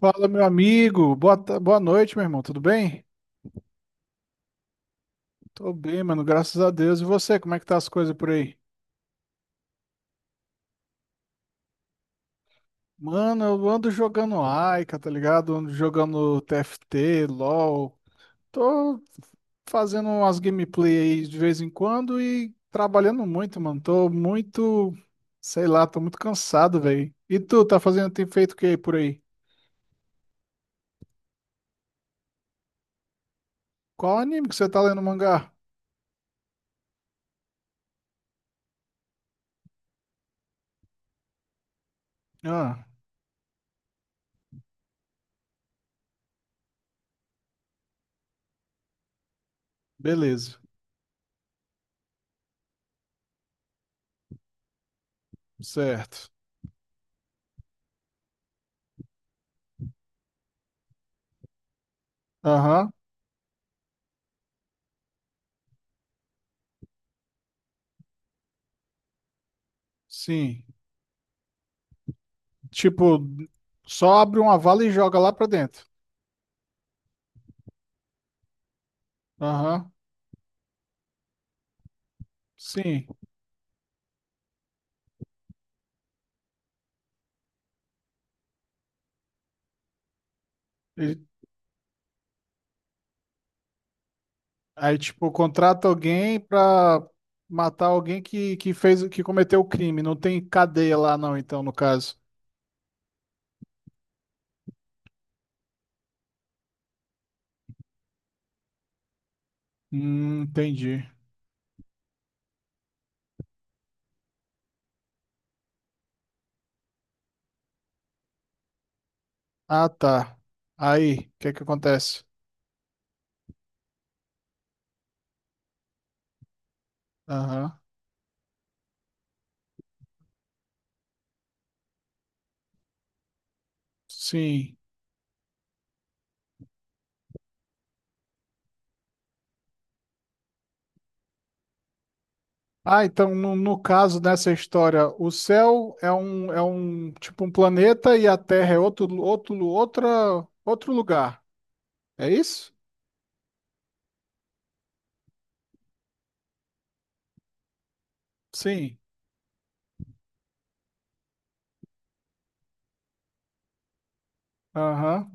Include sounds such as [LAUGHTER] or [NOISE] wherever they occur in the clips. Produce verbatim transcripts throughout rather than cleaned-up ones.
Fala, meu amigo. Boa, ta- boa noite, meu irmão. Tudo bem? Tô bem, mano. Graças a Deus. E você, como é que tá as coisas por aí? Mano, eu ando jogando Aika, tá ligado? Ando jogando T F T, L O L. Tô fazendo umas gameplay aí de vez em quando e trabalhando muito, mano. Tô muito, sei lá, tô muito cansado, velho. E tu, tá fazendo, tem feito o que aí por aí? Qual anime que você tá lendo mangá? Ah, beleza. Certo. Aham, sim. Tipo, só abre uma vala e joga lá pra dentro. Aham, sim. Ele- Aí, tipo, contrata alguém pra matar alguém que, que fez, que cometeu o crime. Não tem cadeia lá, não, então, no caso. Hum, entendi. Ah, tá. Aí, o que é que acontece? Aham, sim. Ah, então, no, no caso dessa história, o céu é um, é um, tipo, um planeta e a Terra é outro, outro, outra, outro lugar. É isso? Sim. Aham.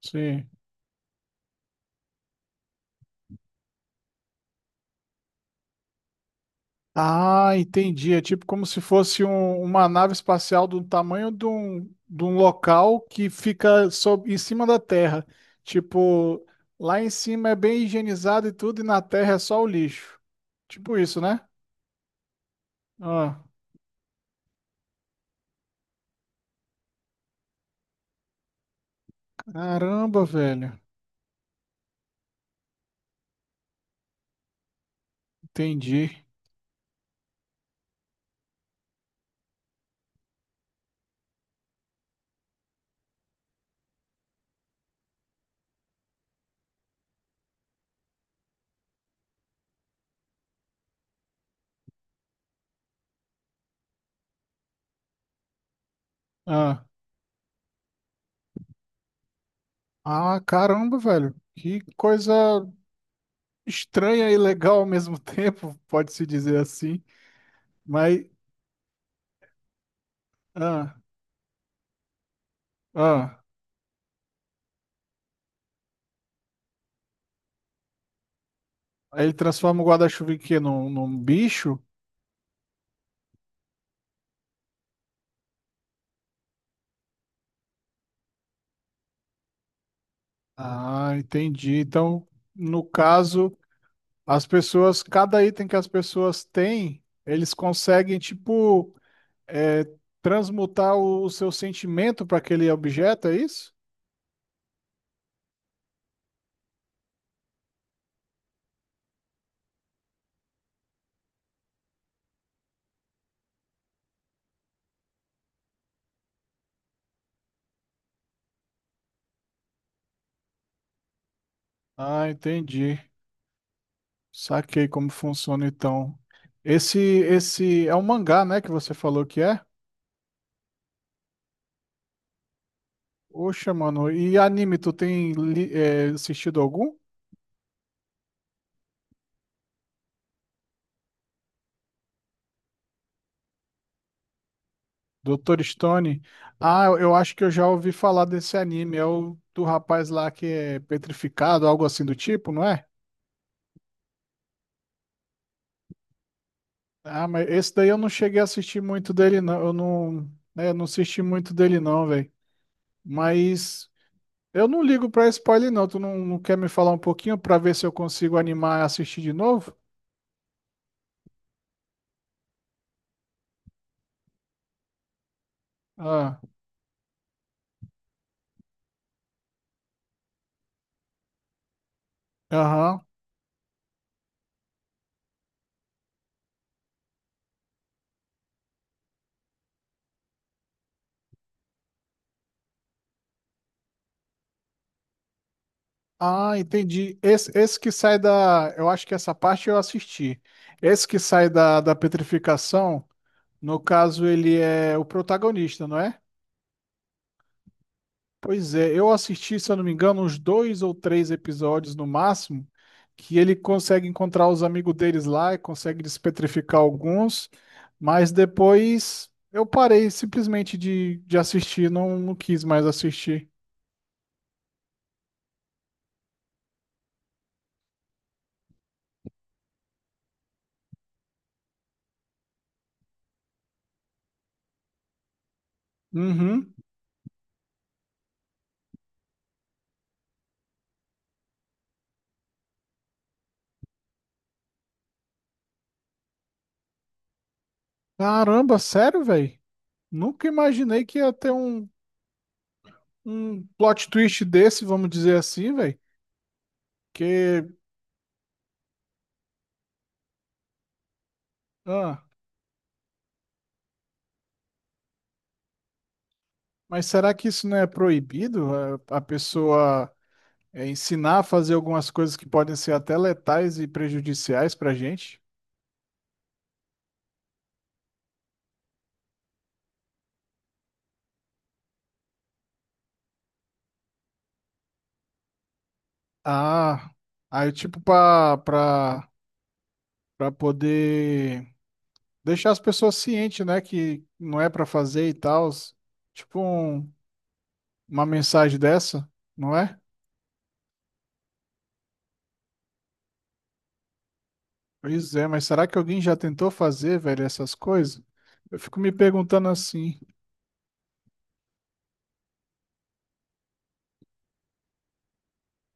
Sim. Ah, entendi. É tipo como se fosse um- uma nave espacial do tamanho de um, de um local que fica sob, em cima da Terra. Tipo, lá em cima é bem higienizado e tudo, e na Terra é só o lixo. Tipo isso, né? Ah, caramba, velho. Entendi. Ah, ah, caramba, velho. Que coisa estranha e legal ao mesmo [LAUGHS] tempo, pode-se dizer assim. Mas, ah, ah. Aí ele transforma o guarda-chuva em quê? Num, num bicho? Ah, entendi. Então, no caso, as pessoas, cada item que as pessoas têm, eles conseguem, tipo, é, transmutar o, o seu sentimento para aquele objeto, é isso? Ah, entendi. Saquei como funciona então. Esse, esse é um mangá, né, que você falou que é? Oxa, mano. E anime, tu tem li- é, assistido algum? Doutor Stone. Ah, eu eu acho que eu já ouvi falar desse anime. É o do rapaz lá que é petrificado, algo assim do tipo, não é? Ah, mas esse daí eu não cheguei a assistir muito dele, não. Eu não, né, eu não assisti muito dele, não, velho. Mas eu não ligo pra spoiler, não. Tu não, não quer me falar um pouquinho pra ver se eu consigo animar e assistir de novo? Ah, aham. Ah, entendi. Esse, esse que sai da. Eu acho que essa parte eu assisti. Esse que sai da, da petrificação. No caso, ele é o protagonista, não é? Pois é, eu assisti, se eu não me engano, uns dois ou três episódios no máximo, que ele consegue encontrar os amigos deles lá e consegue despetrificar alguns, mas depois eu parei simplesmente de, de assistir, não, não quis mais assistir. Uhum. Caramba, sério, velho? Nunca imaginei que ia ter um, um plot twist desse, vamos dizer assim, velho. Que. Ah. Mas será que isso não é proibido? A a pessoa é, ensinar a fazer algumas coisas que podem ser até letais e prejudiciais para a gente? Ah, aí tipo para para para poder deixar as pessoas cientes, né, que não é para fazer e tal. Tipo um- uma mensagem dessa, não é? Pois é, mas será que alguém já tentou fazer, velho, essas coisas? Eu fico me perguntando assim.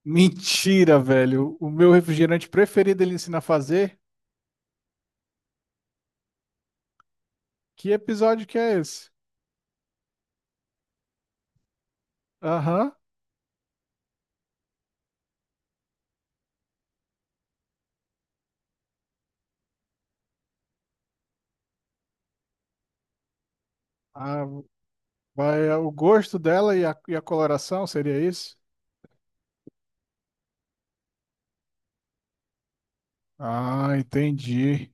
Mentira, velho. O meu refrigerante preferido ele ensina a fazer. Que episódio que é esse? Aham. Ah, vai, é o gosto dela e a, e a coloração, seria isso? Ah, entendi.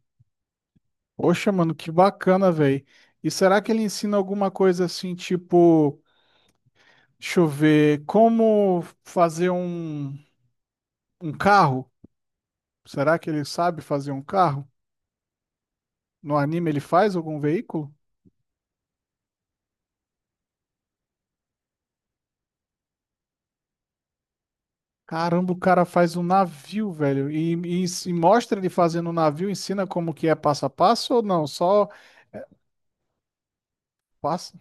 Poxa, mano, que bacana, velho. E será que ele ensina alguma coisa assim, tipo, deixa eu ver, como fazer um, um carro? Será que ele sabe fazer um carro? No anime ele faz algum veículo? Caramba, o cara faz um navio, velho. E, e, e mostra ele fazendo um navio, ensina como que é passo a passo ou não? Só passa.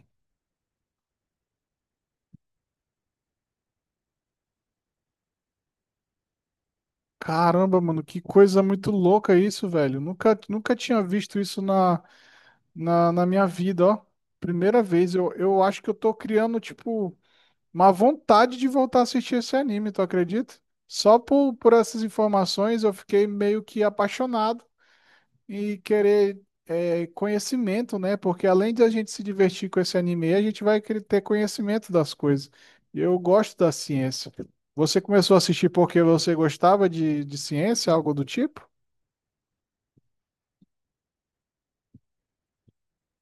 Caramba, mano, que coisa muito louca isso, velho. Nunca, nunca tinha visto isso na, na, na minha vida, ó. Primeira vez, eu, eu acho que eu tô criando, tipo, uma vontade de voltar a assistir esse anime, tu acredita? Só por, por essas informações eu fiquei meio que apaixonado e querer é, conhecimento, né? Porque além de a gente se divertir com esse anime, a gente vai querer ter conhecimento das coisas. E eu gosto da ciência. Você começou a assistir porque você gostava de, de ciência, algo do tipo?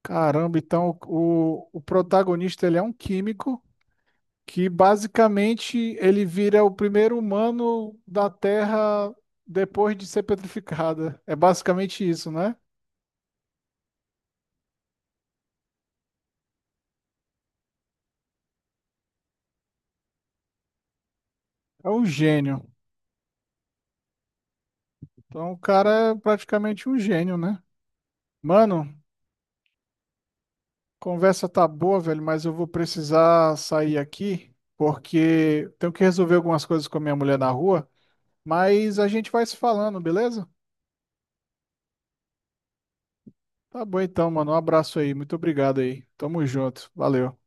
Caramba, então o, o protagonista ele é um químico que basicamente ele vira o primeiro humano da Terra depois de ser petrificada. É basicamente isso, né? É um gênio. Então o cara é praticamente um gênio, né? Mano, conversa tá boa, velho, mas eu vou precisar sair aqui porque tenho que resolver algumas coisas com a minha mulher na rua, mas a gente vai se falando, beleza? Tá bom então, mano. Um abraço aí. Muito obrigado aí. Tamo junto. Valeu.